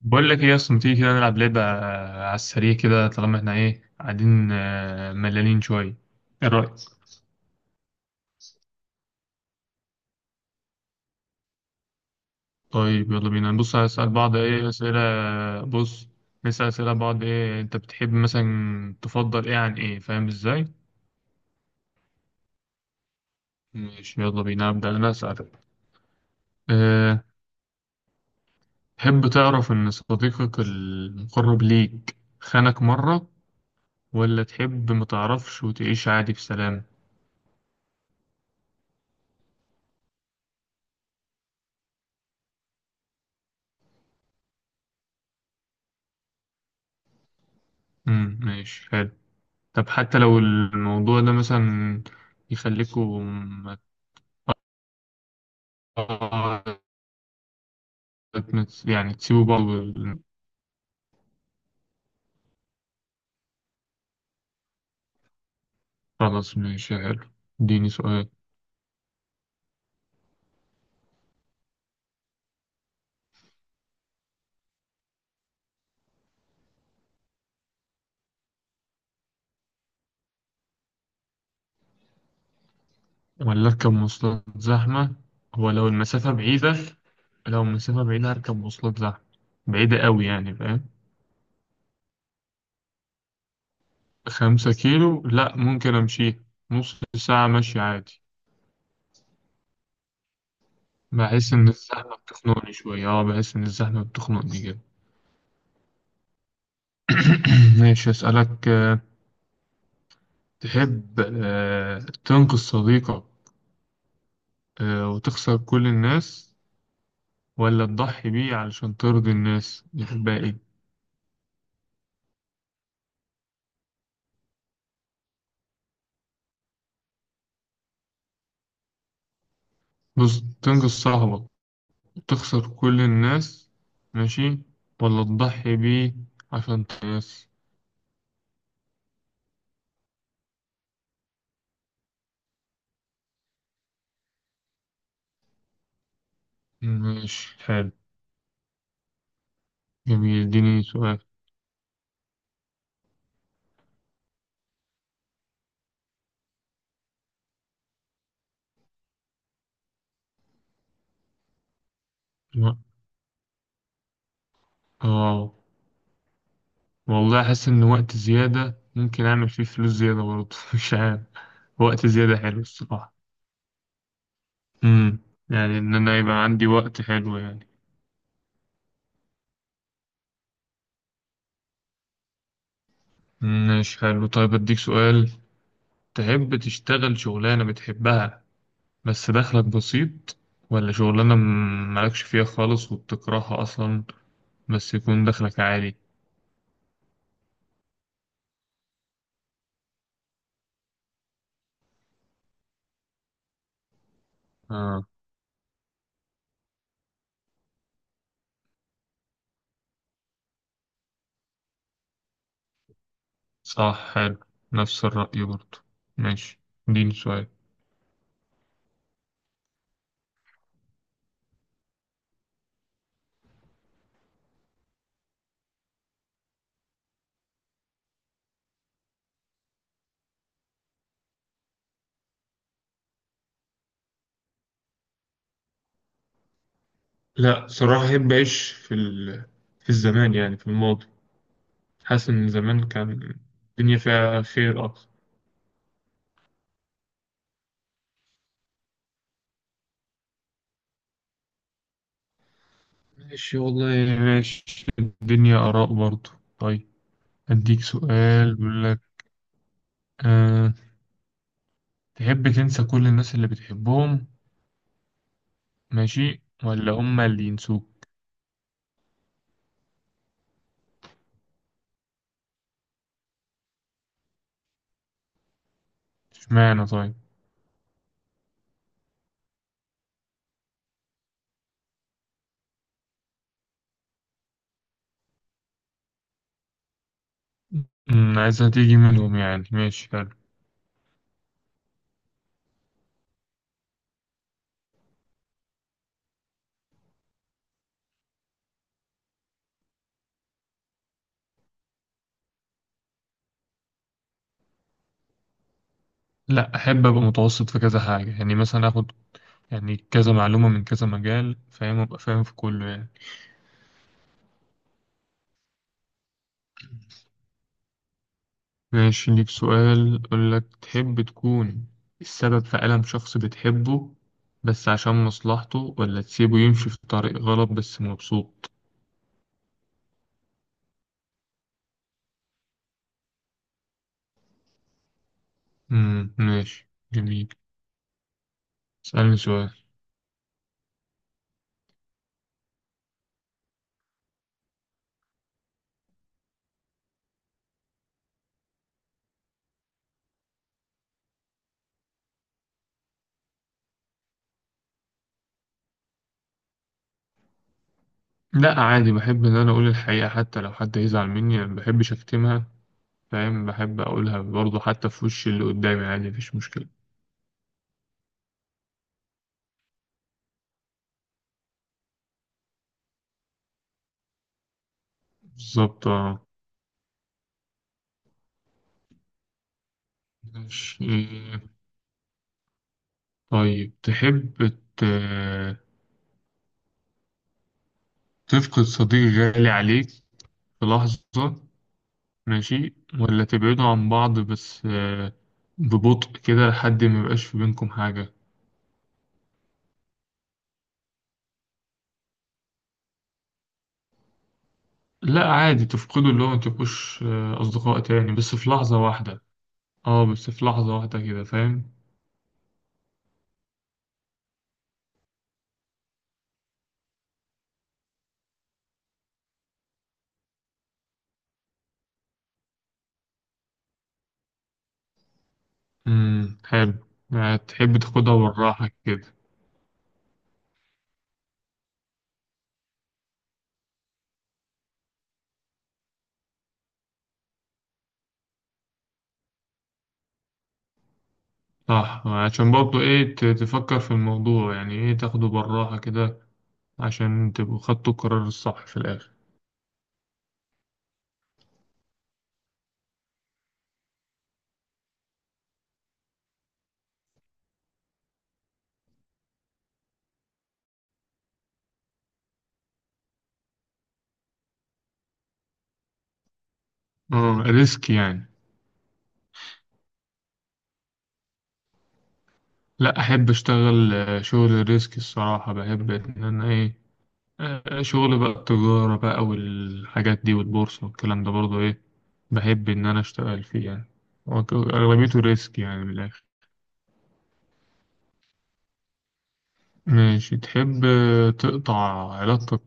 بقول لك ايه اصلا تيجي كده نلعب لعبة على السريع كده. طالما احنا ايه قاعدين، ملانين شوية. ايه رأيك؟ طيب يلا بينا نبص، هنسأل بعض ايه أسئلة. بص، نسأل أسئلة بعض. ايه انت بتحب مثلا، تفضل ايه عن ايه، فاهم ازاي؟ ماشي، يلا بينا أبدأ أنا أسألك. أه تحب تعرف إن صديقك المقرب ليك خانك مرة، ولا تحب متعرفش وتعيش عادي بسلام؟ مم، ماشي حلو. طب حتى لو الموضوع ده مثلا يخليكوا ما يعني تسيبوا بعض خلاص، ماشي حلو، اديني سؤال. ولا اركب مواصلات زحمة. هو لو المسافة بعيدة هركب مواصلات زحمة. بعيدة قوي يعني، فاهم. 5 كيلو لا، ممكن امشيها. نص ساعة مشي عادي. بحس ان الزحمة بتخنقني جدا. ماشي، اسألك. تحب تنقذ صديقك وتخسر كل الناس، ولا تضحي بيه علشان ترضي الناس، يحبها ايه؟ بص، تنقذ صاحبك وتخسر كل الناس، ماشي، ولا تضحي بيه عشان ترضي الناس. ماشي حلو، جميل، اديني سؤال. لا. اه، والله احس ان وقت زيادة ممكن اعمل فيه فلوس زيادة برضه. مش عارف. وقت زيادة حلو الصراحة. امم يعني ان انا يبقى عندي وقت حلو يعني. ماشي حلو، طيب أديك سؤال. تحب تشتغل شغلانة بتحبها بس دخلك بسيط، ولا شغلانة مالكش فيها خالص وبتكرهها أصلا بس يكون دخلك عالي؟ آه، صح، حلو، نفس الرأي برضه. ماشي، اديني سؤال. لا صراحة أحب أعيش في في الزمان، يعني في الماضي. حاسس إن زمان كان الدنيا فيها خير أكتر. ماشي والله، ماشي، الدنيا آراء برضه. طيب، أديك سؤال بيقول لك، آه، تحب تنسى كل الناس اللي بتحبهم، ماشي، ولا هما اللي ينسوك؟ اشمعنى طيب؟ عايزها تيجي منهم يعني. ماشي حلو. لا أحب أبقى متوسط في كذا حاجة، يعني مثلا آخد يعني كذا معلومة من كذا مجال، فاهم، أبقى فاهم في كله يعني. ماشي، ليك سؤال أقول لك، تحب تكون السبب في ألم شخص بتحبه بس عشان مصلحته، ولا تسيبه يمشي في طريق غلط بس مبسوط؟ ماشي، جميل، اسألني سؤال. لا عادي، بحب ان انا اقول الحقيقة حتى لو حد يزعل مني يعني، ما بحبش اكتمها. فاهم، بحب اقولها برضه حتى في وش اللي قدامي عادي، مفيش مشكلة. بالظبط اه. ماشي، طيب تحب ت... تفقد صديق غالي عليك في لحظة، ماشي، ولا تبعدوا عن بعض بس ببطء كده لحد ما يبقاش في بينكم حاجة؟ لا عادي، تفقدوا اللي هو ما تبقوش أصدقاء تاني بس في لحظة واحدة. اه، بس في لحظة واحدة كده فاهم. امم، حلو، يعني تحب تاخدها بالراحة كده. صح، عشان برضه ايه تفكر في الموضوع يعني ايه، تاخده بالراحة كده عشان تبقوا خدتوا القرار الصح في الآخر. اه، ريسك يعني. لا أحب أشتغل شغل ريسك الصراحة، بحب إن أنا ايه، شغل بقى التجارة بقى والحاجات دي والبورصة والكلام ده برضه ايه، بحب إن أنا أشتغل فيه يعني. هو أغلبيته ريسك يعني من الآخر. ماشي، تحب تقطع علاقتك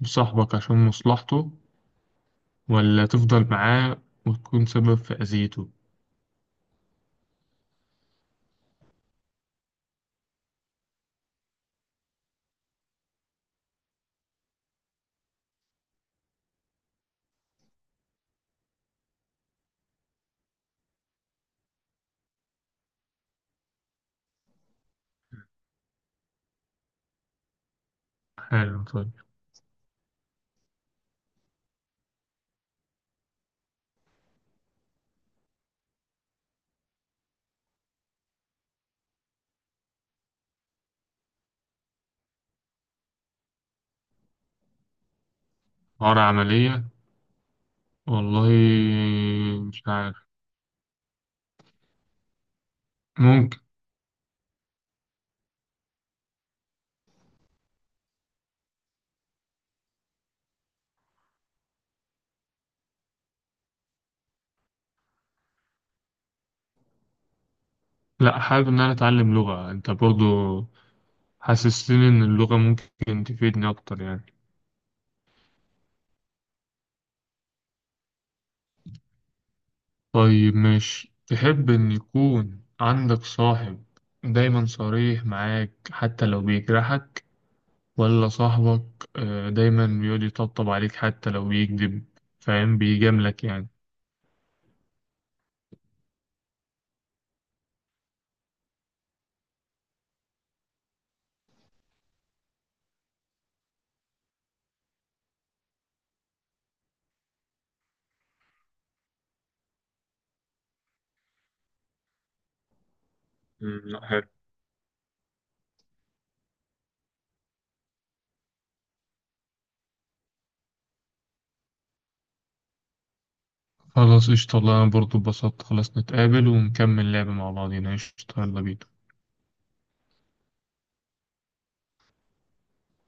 بصاحبك عشان مصلحته، ولا تفضل معاه وتكون سبب في أذيته؟ حلو، طيب. عار عملية، والله مش عارف، ممكن. لا حابب إن أنا أتعلم لغة، أنت برضو حسستني إن اللغة ممكن تفيدني أكتر يعني. طيب ماشي، تحب إن يكون عندك صاحب دايما صريح معاك حتى لو بيجرحك، ولا صاحبك دايما بيقعد يطبطب عليك حتى لو بيكذب، فاهم، بيجاملك يعني؟ مم، لا، خلاص قشطة والله. أنا برضه اتبسطت. خلاص نتقابل ونكمل لعب مع بعضينا، قشطة، يلا بينا.